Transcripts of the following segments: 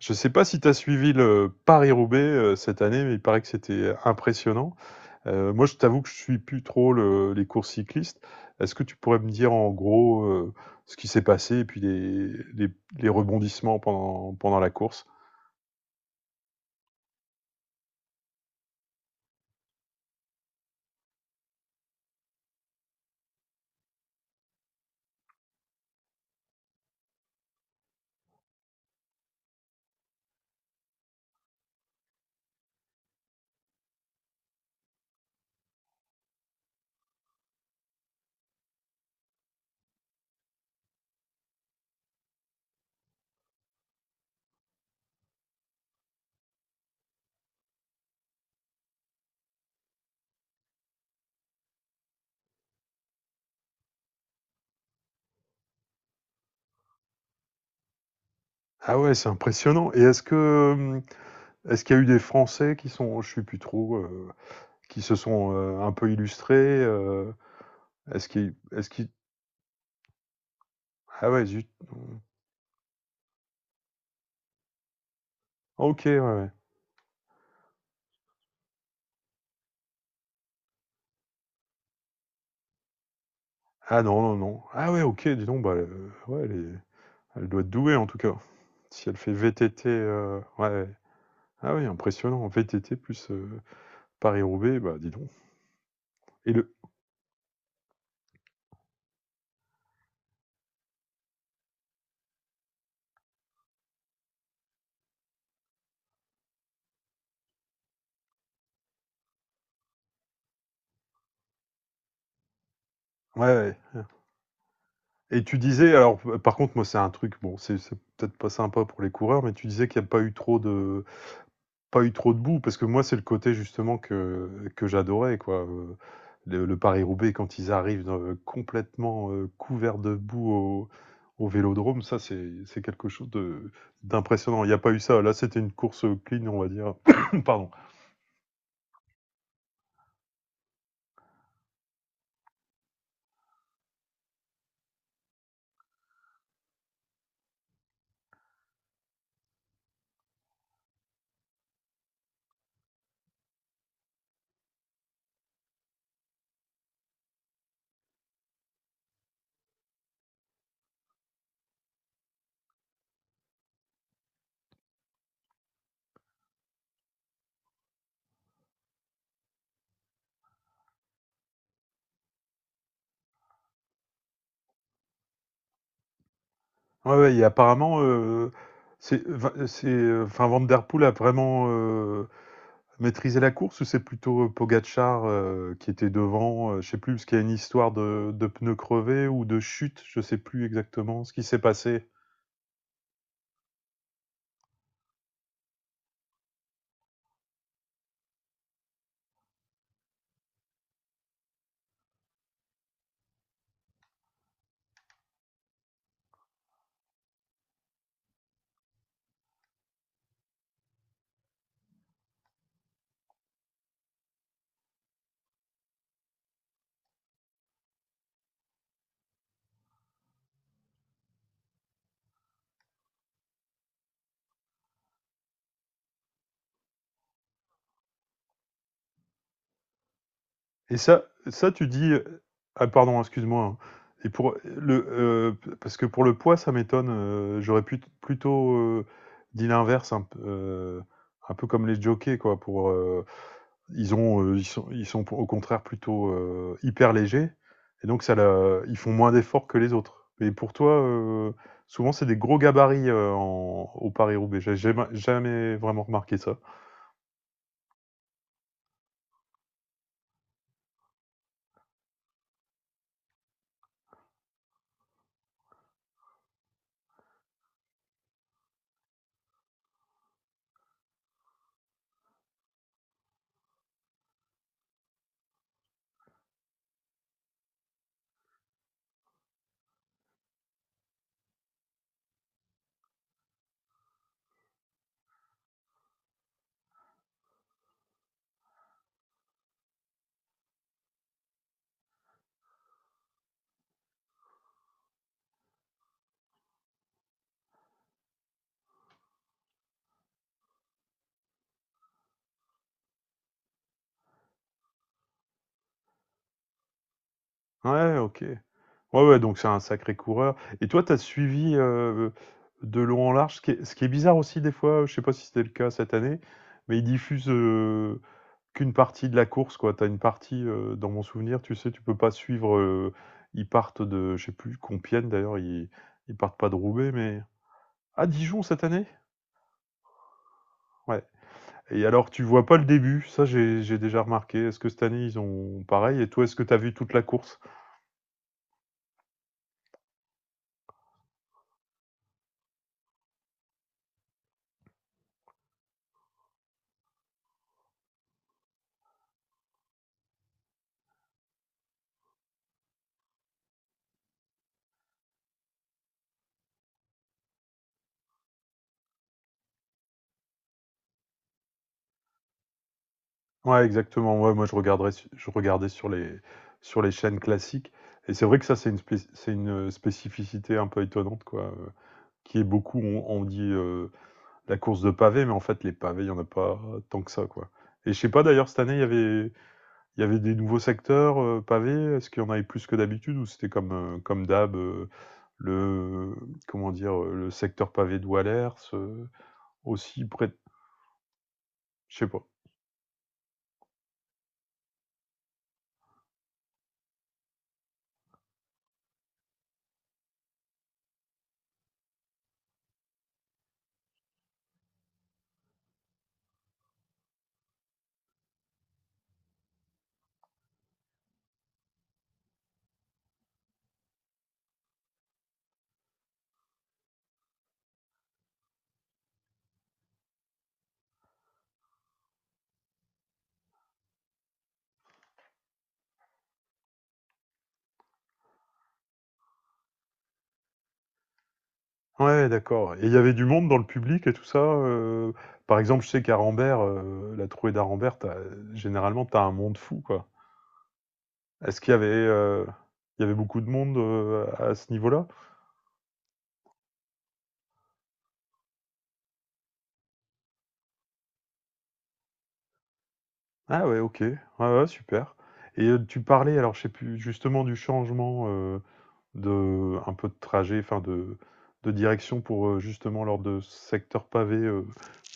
Je ne sais pas si tu as suivi le Paris-Roubaix cette année, mais il paraît que c'était impressionnant. Moi, je t'avoue que je suis plus trop les courses cyclistes. Est-ce que tu pourrais me dire en gros ce qui s'est passé et puis les- les rebondissements pendant la course? Ah ouais, c'est impressionnant. Et est-ce que est-ce qu'il y a eu des Français qui sont, je suis plus trop, qui se sont un peu illustrés, euh, est-ce qu'il ah ouais, zut. Ah, ok, ouais, ouais. Ah non, non, non. Ah ouais, ok, dis donc, ouais, les, elle doit être douée en tout cas. Si elle fait VTT, ouais. Ah oui, impressionnant. VTT plus Paris-Roubaix, bah dis donc. Et le, ouais, ouais. Et tu disais, alors par contre, moi c'est un truc, bon, c'est peut-être pas sympa pour les coureurs, mais tu disais qu'il n'y a pas eu trop de, pas eu trop de boue, parce que moi, c'est le côté justement que j'adorais, quoi, le Paris-Roubaix quand ils arrivent dans, complètement, couverts de boue au au vélodrome, ça, c'est quelque chose de d'impressionnant. Il y a pas eu ça. Là, c'était une course clean, on va dire. Pardon. Ouais, ouais et apparemment, c'est, enfin Van der Poel a vraiment, maîtriser la course ou c'est plutôt Pogachar qui était devant? Je sais plus, parce qu'il y a une histoire de pneus crevés ou de chute, je sais plus exactement ce qui s'est passé. Et ça ça tu dis, ah pardon, excuse-moi, hein. Et pour le, parce que pour le poids, ça m'étonne, j'aurais plutôt, dit l'inverse un peu comme les jockeys quoi pour, euh, ils ont, ils sont au contraire plutôt, hyper légers et donc ça le ils font moins d'efforts que les autres. Et pour toi, souvent c'est des gros gabarits, en au Paris-Roubaix. J'ai jamais vraiment remarqué ça. Ouais, OK. Ouais, ouais, donc c'est un sacré coureur et toi, t'as suivi, de long en large, ce qui est bizarre aussi des fois, je sais pas si c'était le cas cette année, mais ils diffusent, qu'une partie de la course, quoi. Tu as une partie, dans mon souvenir, tu sais, tu peux pas suivre, ils partent de je sais plus Compiègne d'ailleurs, ils partent pas de Roubaix, mais à Dijon cette année? Ouais, et alors tu vois pas le début, ça j'ai déjà remarqué. Est-ce que cette année ils ont pareil et toi, est-ce que tu as vu toute la course? Ouais, exactement, ouais, moi je regarderais su je regardais sur les chaînes classiques et c'est vrai que ça, c'est une spéc c'est une, spécificité un peu étonnante, quoi, qui est beaucoup on dit, la course de pavés, mais en fait, les pavés, il n'y en a pas tant que ça, quoi. Et je sais pas d'ailleurs, cette année, il y avait des nouveaux secteurs pavés. Est-ce qu'il y en avait plus que d'habitude ou c'était comme, comme d'hab, le, comment dire, le secteur pavé de Wallers, aussi près de- je sais pas. Ouais, d'accord. Et il y avait du monde dans le public et tout ça. Par exemple, je sais qu'à Rambert, la trouée d'Arambert, généralement, t'as un monde fou, quoi. Est-ce qu'il y avait, il y avait beaucoup de monde à ce niveau-là? Ah ouais, OK. Ouais, ouais, super et tu parlais, alors je sais plus, justement du changement, de un peu de trajet, enfin de direction pour, justement lors de ce secteur pavé,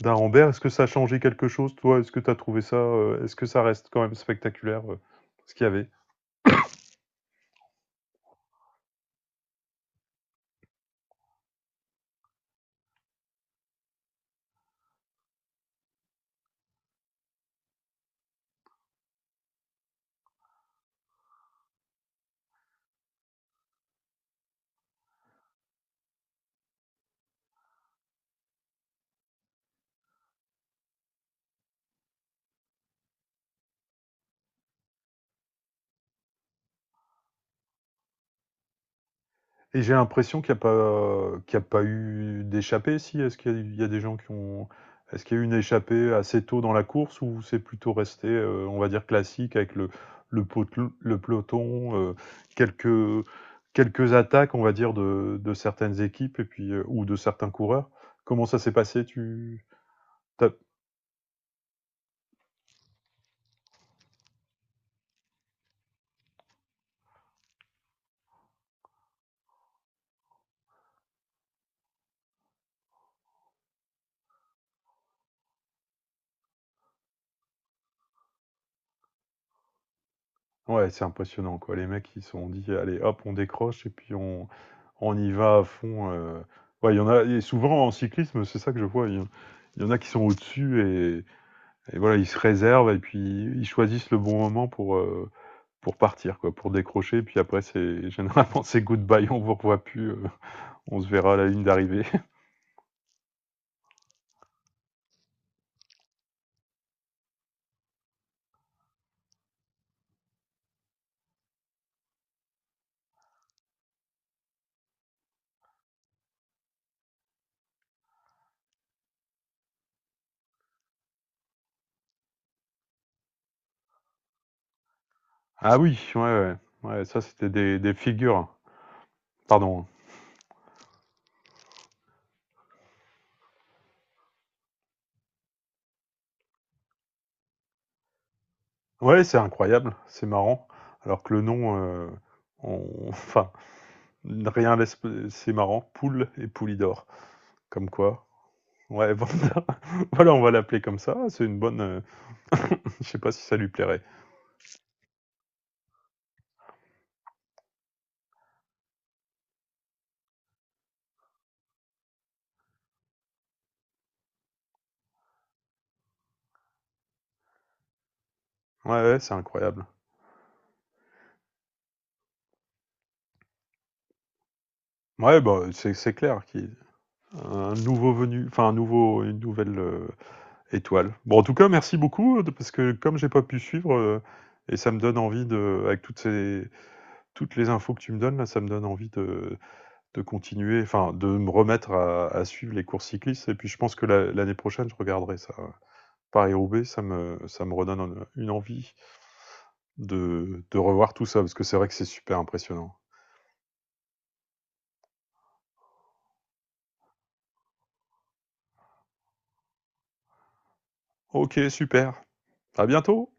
d'Arenberg. Est-ce que ça a changé quelque chose toi? Est-ce que tu as trouvé ça, est-ce que ça reste quand même spectaculaire, ce qu'il y avait? Et j'ai l'impression qu'il n'y a pas, qu'il y a pas eu d'échappée, si. Est-ce qu'il y a, il y a des gens qui ont. Est-ce qu'il y a eu une échappée assez tôt dans la course ou c'est plutôt resté, on va dire, classique avec le, pot- le peloton, quelques, quelques attaques, on va dire, de certaines équipes et puis, ou de certains coureurs? Comment ça s'est passé? T'as- Ouais, c'est impressionnant quoi. Les mecs, ils se sont dit: «Allez hop, on décroche et puis on y va à fond», ouais, il y en a et souvent en cyclisme, c'est ça que je vois, il y en a qui sont au-dessus et et voilà, ils se réservent et puis ils choisissent le bon moment pour partir quoi, pour décrocher et puis après c'est généralement c'est good bye, on vous revoit plus, on se verra à la ligne d'arrivée. Ah oui, ouais, ouais, ouais, ça c'était des figures. Hein. Pardon. Ouais, c'est incroyable, c'est marrant alors que le nom, on enfin rien laisse. C'est marrant. Poule et Poulidor. Comme quoi. Ouais, Vanda. Voilà, on va l'appeler comme ça. C'est une bonne. Je sais pas si ça lui plairait. Ouais, ouais, c'est incroyable. Ouais, bah, c'est clair qu'il y a un nouveau venu, enfin un nouveau, une nouvelle étoile. Bon, en tout cas, merci beaucoup parce que comme j'ai pas pu suivre et ça me donne envie de, avec toutes ces, toutes les infos que tu me donnes là, ça me donne envie de continuer, enfin de me remettre à suivre les courses cyclistes. Et puis je pense que l'année prochaine, je regarderai ça. Hein. Paris-Roubaix, ça me redonne en, une envie de revoir tout ça, parce que c'est vrai que c'est super impressionnant. OK, super. À bientôt!